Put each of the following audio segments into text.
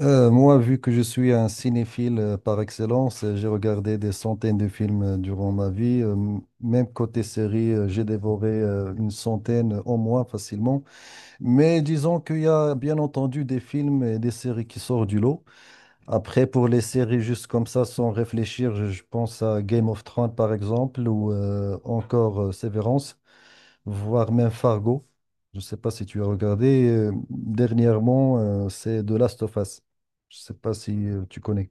Moi, vu que je suis un cinéphile par excellence, j'ai regardé des centaines de films durant ma vie. Même côté série, j'ai dévoré une centaine au moins facilement. Mais disons qu'il y a bien entendu des films et des séries qui sortent du lot. Après, pour les séries juste comme ça, sans réfléchir, je pense à Game of Thrones par exemple ou encore Severance, voire même Fargo. Je ne sais pas si tu as regardé, dernièrement, c'est The Last of Us. Je ne sais pas si tu connais.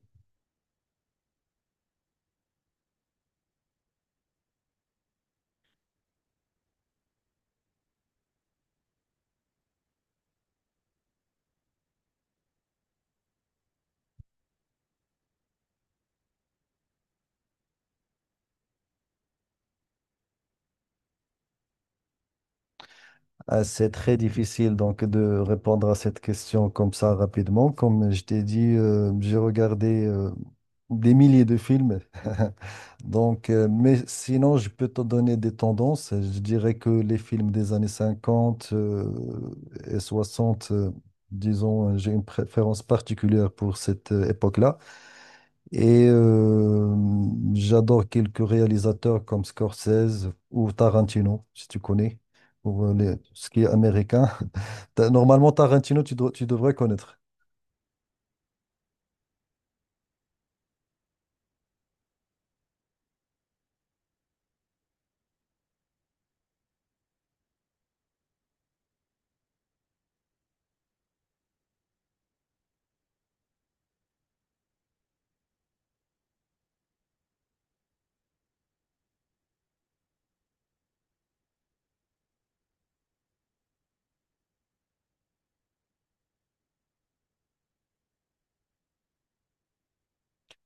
Ah, c'est très difficile donc de répondre à cette question comme ça rapidement. Comme je t'ai dit, j'ai regardé des milliers de films. Donc, mais sinon, je peux te donner des tendances. Je dirais que les films des années 50 et 60, disons, j'ai une préférence particulière pour cette époque-là. Et j'adore quelques réalisateurs comme Scorsese ou Tarantino, si tu connais, ou ce qui est américain. Normalement, Tarantino, tu devrais connaître.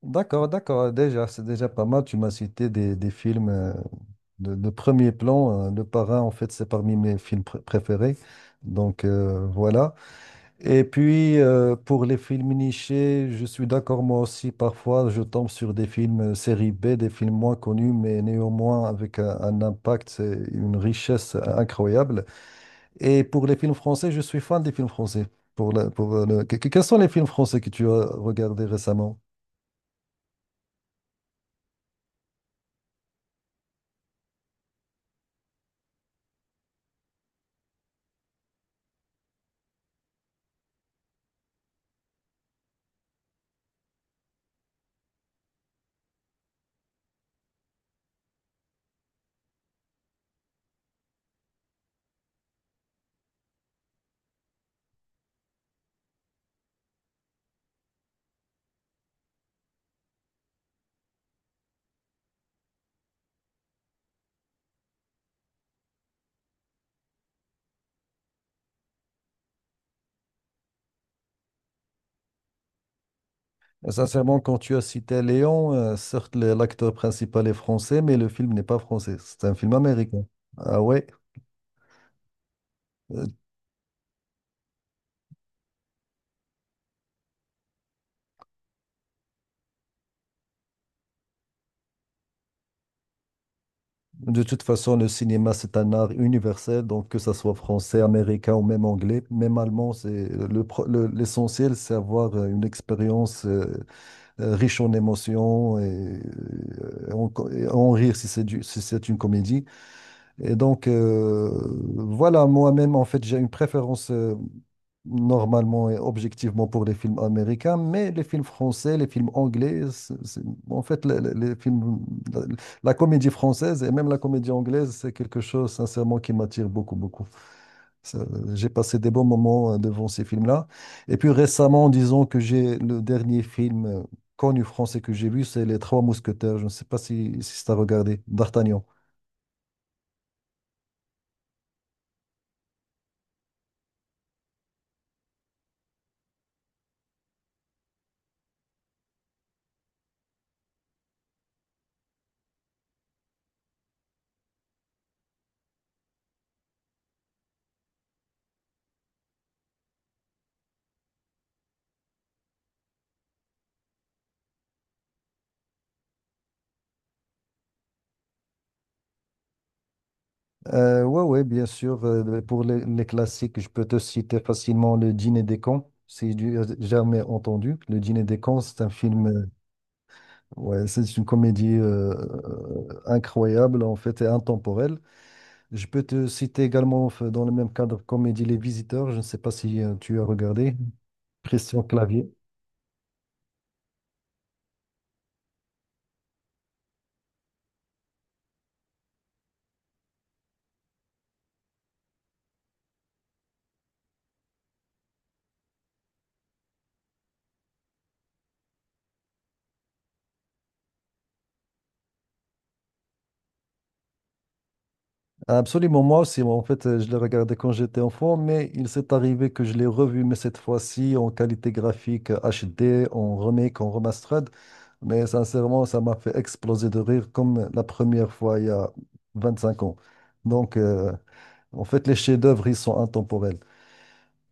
D'accord, d'accord, déjà, c'est déjà pas mal. Tu m'as cité des films de premier plan. Le Parrain, en fait, c'est parmi mes films préférés. Donc, voilà. Et puis, pour les films nichés, je suis d'accord, moi aussi, parfois, je tombe sur des films série B, des films moins connus, mais néanmoins avec un impact, c'est une richesse incroyable. Et pour les films français, je suis fan des films français. Pour la- pour le- que- Quels sont les films français que tu as regardés récemment? Sincèrement, quand tu as cité Léon, certes, l'acteur principal est français, mais le film n'est pas français, c'est un film américain. Ah ouais? euh, De toute façon, le cinéma, c'est un art universel, donc que ça soit français, américain ou même anglais, même allemand, c'est le, pro- le- l'essentiel, c'est avoir une expérience riche en émotions et en rire si si c'est une comédie. Et donc, voilà, moi-même, en fait, j'ai une préférence, normalement et objectivement pour les films américains, mais les films français, les films anglais, en fait, les films, la, la comédie française et même la comédie anglaise, c'est quelque chose, sincèrement, qui m'attire beaucoup, beaucoup. Ça, j'ai passé des bons moments devant ces films-là. Et puis récemment, disons que j'ai le dernier film connu français que j'ai vu, c'est Les Trois Mousquetaires. Je ne sais pas si tu as regardé, D'Artagnan. Ouais, ouais, bien sûr. Pour les classiques, je peux te citer facilement Le Dîner des cons, si tu as jamais entendu. Le Dîner des cons, c'est un film, ouais, c'est une comédie incroyable en fait et intemporelle. Je peux te citer également dans le même cadre comédie Les Visiteurs. Je ne sais pas si tu as regardé Christian Clavier. Absolument, moi aussi. Moi, en fait, je l'ai regardé quand j'étais enfant, mais il s'est arrivé que je l'ai revu, mais cette fois-ci en qualité graphique HD, en remake, en remastered. Mais sincèrement, ça m'a fait exploser de rire comme la première fois il y a 25 ans. Donc, en fait, les chefs-d'œuvre, ils sont intemporels.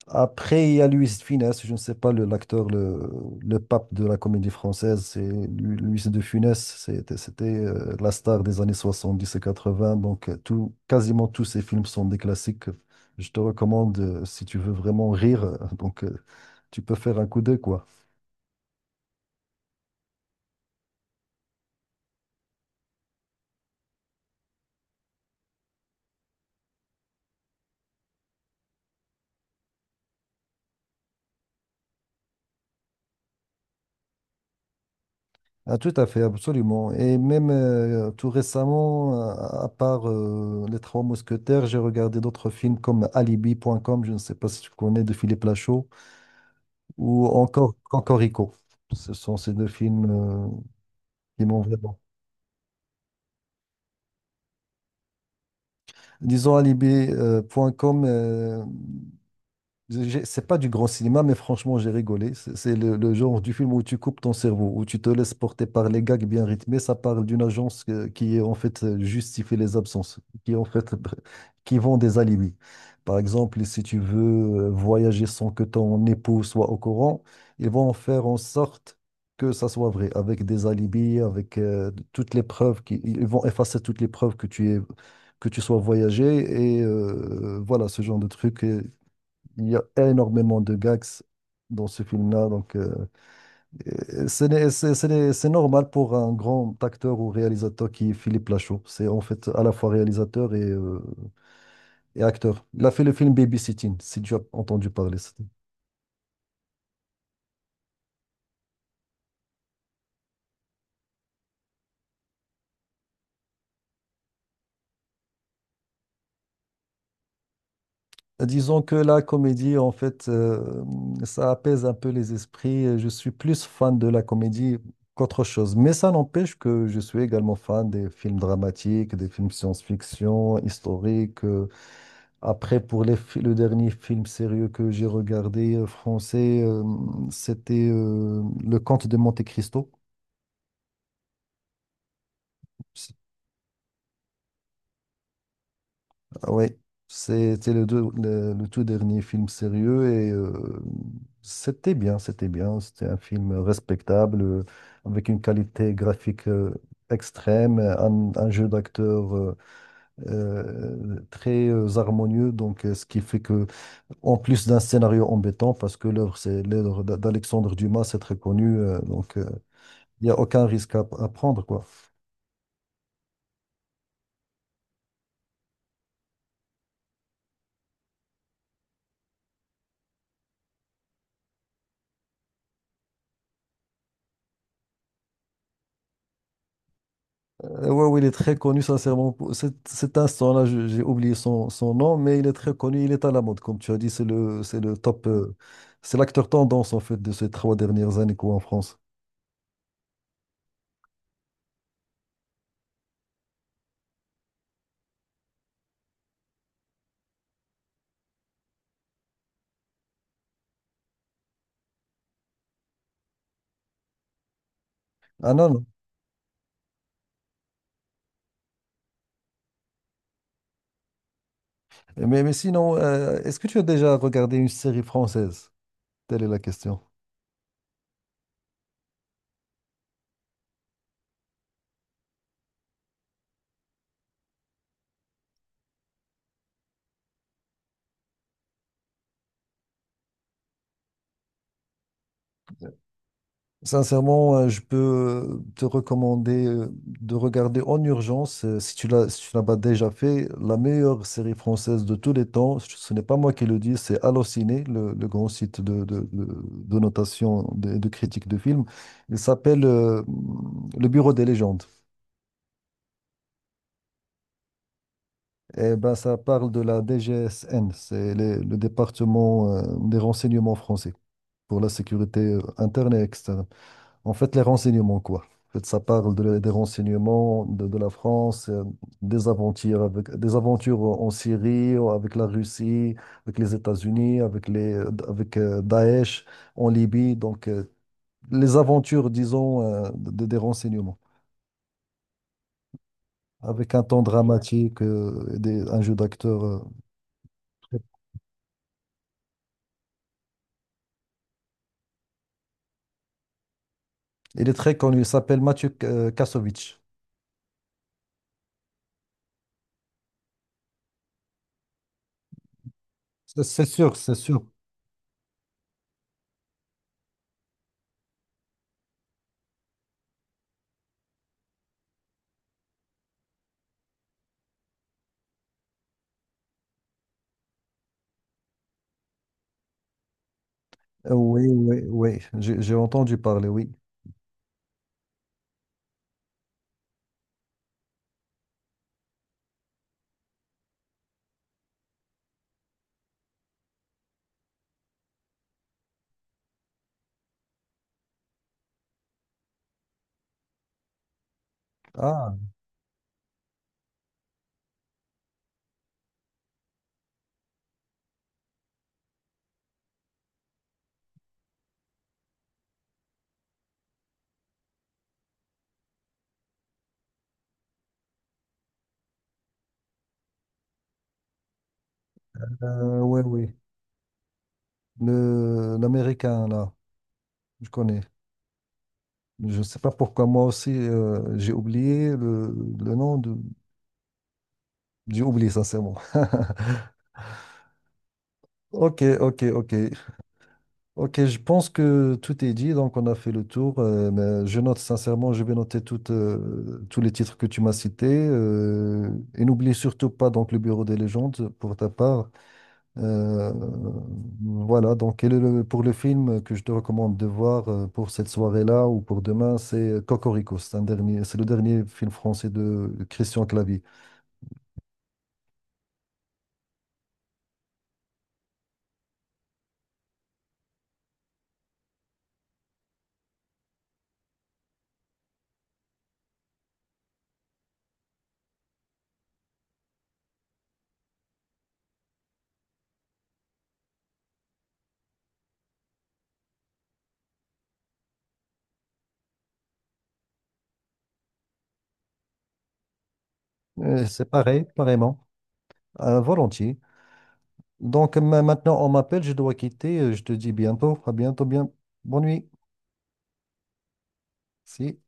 Après, il y a Luis de Funès, je ne sais pas, l'acteur, le pape de la comédie française, c'est Luis de Funès, c'était la star des années 70 et 80, donc tout, quasiment tous ses films sont des classiques. Je te recommande, si tu veux vraiment rire, tu peux faire un coup d'œil, quoi. Ah, tout à fait, absolument. Et même tout récemment, à part Les Trois Mousquetaires, j'ai regardé d'autres films comme Alibi.com, je ne sais pas si tu connais, de Philippe Lachaud, ou encore Cocorico. Ce sont ces deux films qui m'ont vraiment. Disons alibi point com. C'est pas du grand cinéma, mais franchement, j'ai rigolé. C'est le genre du film où tu coupes ton cerveau, où tu te laisses porter par les gags bien rythmés. Ça parle d'une agence qui, en fait, justifie les absences, qui, en fait, qui vend des alibis. Par exemple, si tu veux voyager sans que ton époux soit au courant, ils vont en faire en sorte que ça soit vrai, avec des alibis, avec toutes les preuves qui, ils vont effacer toutes les preuves que tu es, que tu sois voyagé, et voilà ce genre de truc. Il y a énormément de gags dans ce film-là, donc et ce n'est- c'est normal pour un grand acteur ou réalisateur qui est Philippe Lachaud. C'est en fait à la fois réalisateur et acteur. Il a fait le film Babysitting, si tu as entendu parler. Disons que la comédie, en fait, ça apaise un peu les esprits. Je suis plus fan de la comédie qu'autre chose. Mais ça n'empêche que je suis également fan des films dramatiques, des films science-fiction, historiques. Après, le dernier film sérieux que j'ai regardé français, c'était Le Comte de Monte-Cristo. C'est- Ouais, c'était le tout dernier film sérieux, et c'était bien, c'était bien. C'était un film respectable, avec une qualité graphique extrême, un jeu d'acteur très harmonieux, donc ce qui fait que, en plus d'un scénario embêtant, parce que l'œuvre, c'est l'œuvre d'Alexandre Dumas, c'est très connu, il n'y a aucun risque à prendre, quoi. Ouais, oui, il est très connu, sincèrement. Pour cet instant-là, j'ai oublié son nom, mais il est très connu, il est à la mode, comme tu as dit, c'est le top, c'est l'acteur tendance, en fait, de ces trois dernières années, quoi, en France. Ah non, non. Mais, mais sinon, est-ce que tu as déjà regardé une série française? Telle est la question. Sincèrement, je peux te recommander de regarder en urgence, si tu l'as pas déjà fait, la meilleure série française de tous les temps. Ce n'est pas moi qui le dis, c'est Allociné, le grand site de notation et de critique de films. Il s'appelle Le Bureau des légendes. Et ben, ça parle de la DGSN, c'est le département des renseignements français pour la sécurité interne et externe. En fait, les renseignements, quoi. En fait, ça parle des renseignements de la France, des aventures, des aventures en Syrie, ou avec la Russie, avec les États-Unis, avec Daesh en Libye. Donc, les aventures, disons, des renseignements, avec un ton dramatique, un jeu d'acteur, très- il est très connu, il s'appelle Mathieu Kassovitch. C'est sûr, c'est sûr. Oui, oui, oui, j'ai entendu parler, oui. Ah, oui, oui. L'américain, là, je connais. Je ne sais pas pourquoi moi aussi, j'ai oublié le nom de... J'ai oublié, sincèrement. Ok, ok, ok. Ok, je pense que tout est dit, donc on a fait le tour. Mais je note sincèrement, je vais noter tous les titres que tu m'as cités. Et n'oublie surtout pas donc le Bureau des légendes pour ta part. Euh, voilà, donc pour le film que je te recommande de voir pour cette soirée-là ou pour demain, c'est Cocorico. C'est le dernier film français de Christian Clavier. C'est pareil, pareillement, volontiers. Donc maintenant, on m'appelle, je dois quitter. Je te dis bientôt, à bientôt, bien, bonne nuit. Si.